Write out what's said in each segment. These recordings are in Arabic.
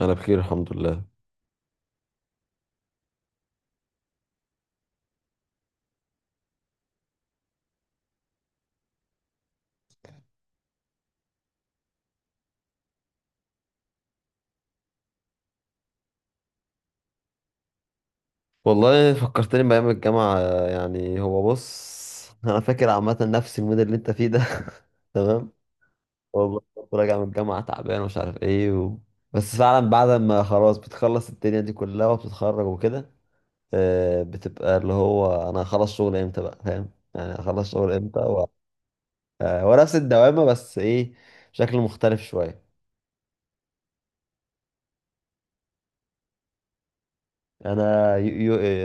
انا بخير، الحمد لله. والله فكرتني بايام الجامعه. يعني هو بص، انا فاكر عامه نفس المود اللي انت فيه ده. تمام. والله كنت راجع من الجامعه تعبان ومش عارف ايه و... بس فعلا بعد ما خلاص بتخلص الدنيا دي كلها وبتتخرج وكده، بتبقى اللي هو انا هخلص شغل امتى بقى فاهم، يعني هخلص شغل امتى و... هو نفس الدوامه، بس ايه، بشكل مختلف شويه. انا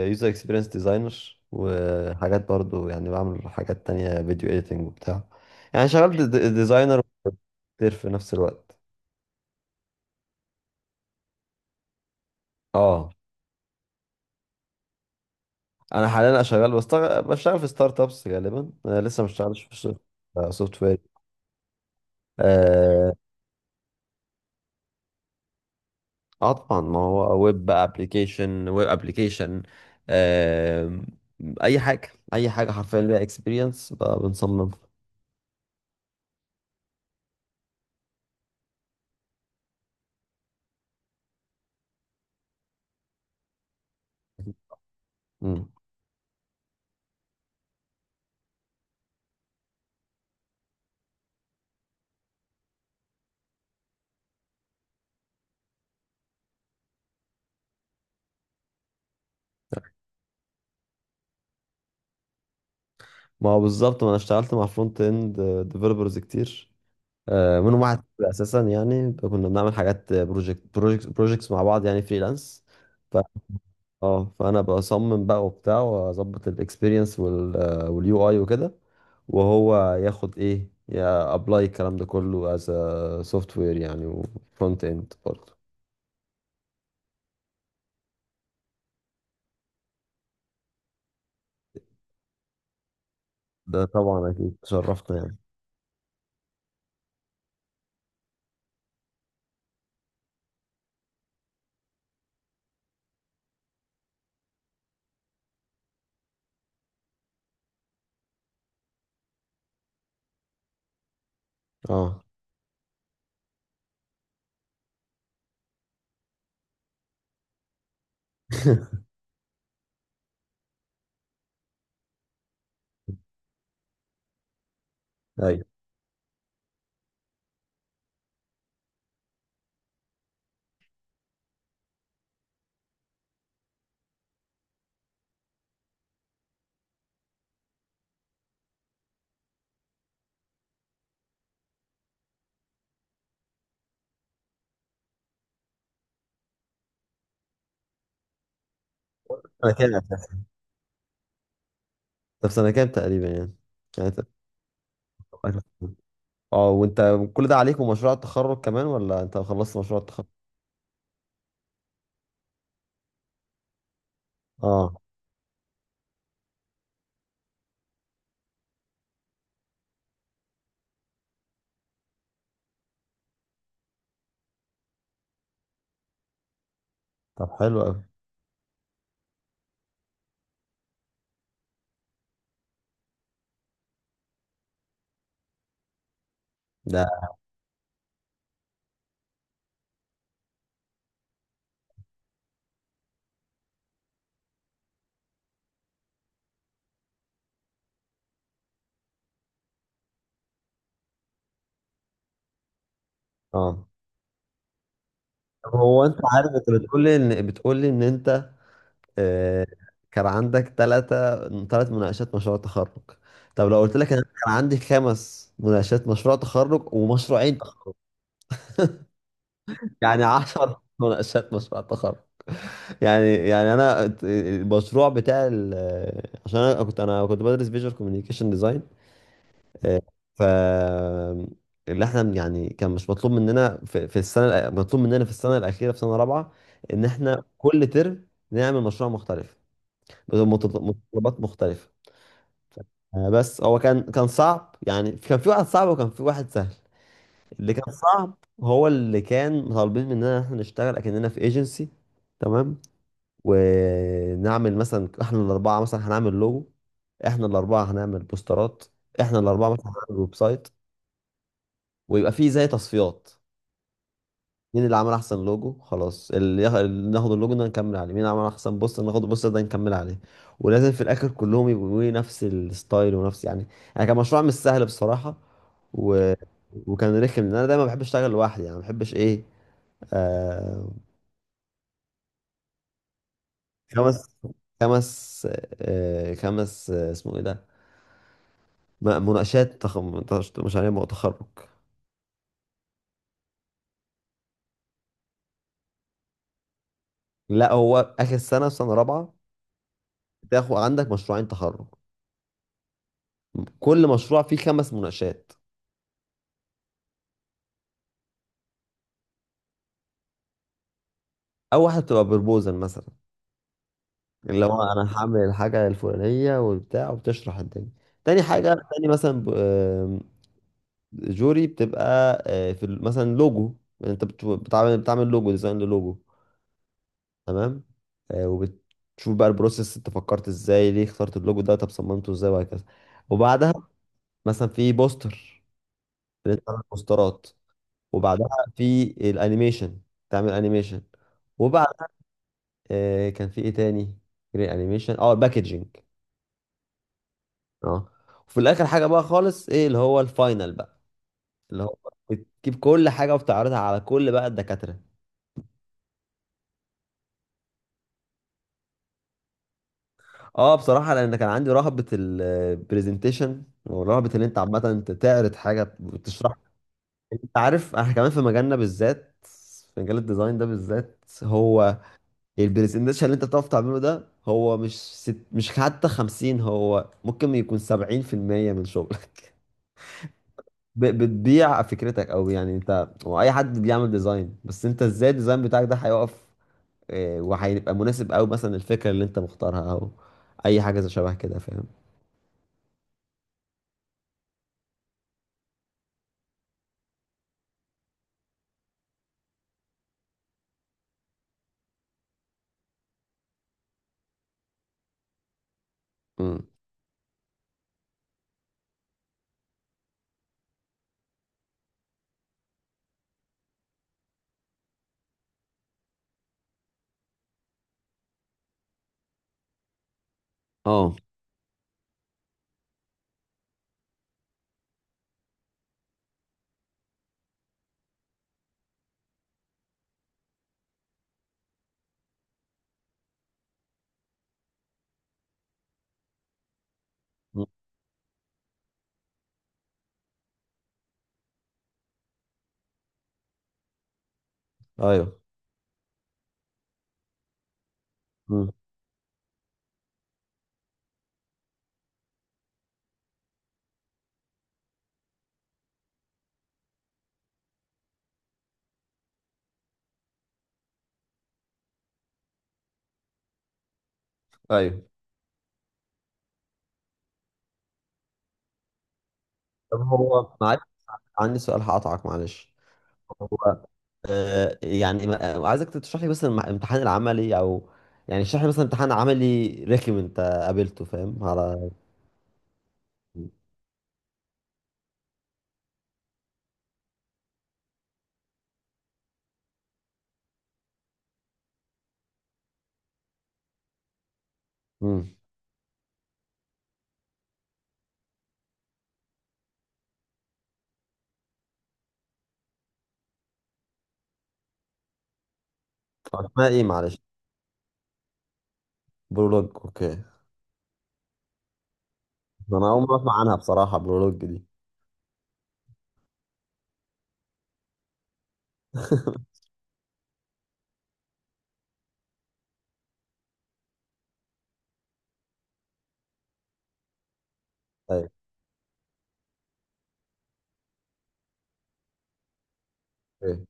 يوزر اكسبيرينس ديزاينر، وحاجات برضو، يعني بعمل حاجات تانية، فيديو اديتنج وبتاع. يعني شغال ديزاينر كتير في نفس الوقت. اه. انا حاليا شغال، بشتغل في ستارت ابس غالبا، أنا لسه ما اشتغلتش في سوفت وير. اه. طبعا، ما هو ويب بقى، ابلكيشن، ويب ابلكيشن. اي حاجه حرفيا ليها اكسبيرينس. بنصمم. ما هو بالظبط، ما انا اشتغلت مع فرونت اند ديفلوبرز كتير. منهم واحد اساسا، يعني كنا بنعمل حاجات، بروجكتس مع بعض، يعني فريلانس. ف اه فانا بصمم بقى وبتاع، واظبط الاكسبيرينس واليو اي وكده، وهو ياخد، ايه، يا ابلاي الكلام ده كله سوفت وير يعني، وفرونت اند برضه. ده طبعا اكيد تشرفنا يعني. اه. ايوه. انا كام أساساً؟ طب سنه كام تقريبا يعني؟ يعني. اه. وانت كل ده عليك، ومشروع التخرج كمان، ولا انت خلصت مشروع التخرج؟ اه. طب حلو قوي. ده اه. طب هو انت عارف، انت بتقول لي ان انت آه كان عندك ثلاث مناقشات مشروع تخرج. طب لو قلت لك انا كان عندي خمس مناقشات مشروع تخرج، ومشروعين تخرج، يعني عشر مناقشات مشروع تخرج. يعني يعني انا المشروع بتاع عشان انا كنت بدرس فيجوال كوميونيكيشن ديزاين. آه، ف اللي احنا يعني، كان مش مطلوب مننا في السنه مطلوب مننا في السنه الاخيره، في سنه رابعه، ان احنا كل ترم نعمل مشروع مختلف، متطلبات مختلفه. بس هو كان صعب، يعني كان في واحد صعب، وكان في واحد سهل. اللي كان صعب، هو اللي كان طالبين مننا ان احنا نشتغل اكننا في ايجنسي، تمام، ونعمل مثلا، احنا الاربعه مثلا هنعمل لوجو، احنا الاربعه هنعمل بوسترات، احنا الاربعه مثلا هنعمل ويب سايت، ويبقى فيه زي تصفيات. مين اللي عمل احسن لوجو؟ خلاص، اللي اللي ناخد اللوجو ده نكمل عليه. مين عمل احسن بوستر؟ ناخد البوستر ده نكمل عليه. ولازم في الاخر كلهم يبقوا، إيه، نفس الستايل، ونفس يعني، يعني كان مشروع مش سهل بصراحة. و... وكان رخم، لان انا دايما بحب اشتغل لوحدي، يعني ما بحبش ايه. آه... خمس خمس خمس. اسمه ايه ده، مشاريع تخرج. لا، هو اخر سنة، في سنة رابعة، تاخد عندك مشروعين تخرج. كل مشروع فيه خمس مناقشات. اول واحده بتبقى بروبوزال مثلا، اللي هو، اه، انا هعمل الحاجه الفلانيه وبتاع، وبتشرح الدنيا. تاني حاجه، تاني مثلا ب- آم، جوري بتبقى، في مثلا لوجو، انت بتعمل لوجو، ديزاين للوجو، تمام. وبتشوف بقى البروسيس، انت فكرت ازاي، ليه اخترت اللوجو ده، طب صممته ازاي، وهكذا. وبعدها مثلا في بوستر، اللي انت تعمل بوسترات. وبعدها في الانيميشن، تعمل انيميشن. وبعد، كان في ايه تاني، جرين انيميشن، اه، باكجينج. اه. وفي الاخر حاجه بقى خالص، ايه، اللي هو الفاينل بقى، اللي هو بتجيب كل حاجه وبتعرضها على كل بقى الدكاتره. اه، بصراحه، لان كان عندي رهبه البرزنتيشن، ورهبه ان انت، عامه، انت تعرض حاجه وتشرح. انت عارف، احنا كمان في مجالنا بالذات، في مجال الديزاين ده بالذات، هو البرزنتيشن اللي انت بتعرف تعمله ده، هو مش ست، مش حتى 50، هو ممكن يكون 70% من شغلك. بتبيع فكرتك، او يعني، انت واي حد بيعمل ديزاين، بس انت ازاي الديزاين بتاعك ده هيقف. وهيبقى مناسب قوي مثلا، الفكره اللي انت مختارها، او اي حاجه زي شبه كده، فاهم. امم اه. مم. ايوه. امم ايوه. طب هو، معلش، عندي سؤال هقطعك معلش. هو يعني عايزك تشرح لي مثلا امتحان العملي، او يعني، اشرح لي مثلا امتحان عملي رخم انت قابلته، فاهم على. امم. اسمها ايه معلش؟ برولوج، اوكي. ده انا اول مره اسمع عنها بصراحه، بلولوج دي. ايوه، ايوه،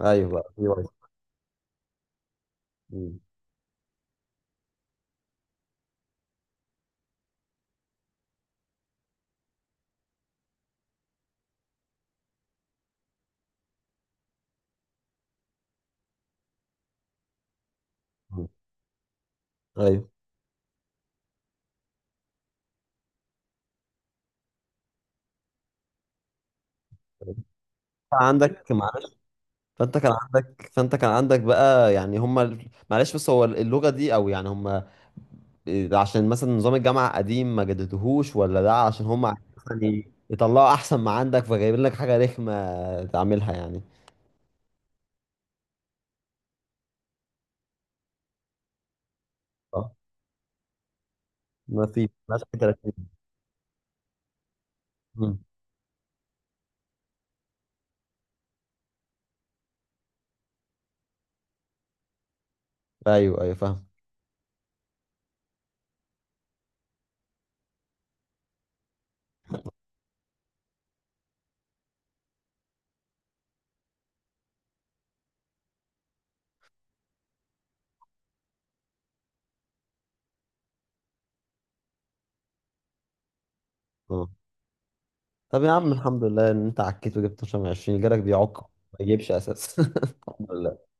ايوه. بقى في واحد. مم. مم. ايوه. فانت عندك، معلش، فانت كان عندك بقى، يعني هم، معلش، بس هو اللغه دي، او يعني هم، إيه، عشان مثلا نظام الجامعه قديم ما جددوهوش، ولا ده عشان هم عايزين مثلا يطلعوا احسن ما عندك، فجايبين لك حاجه رخمه تعملها يعني. اه. ما في ماشي 30. ايوه، ايوه، فاهم. طب يا عم الحمد لله ان انت عكيت وجبت 12 من 20، جالك بيعك ما يجيبش اساس. الحمد لله.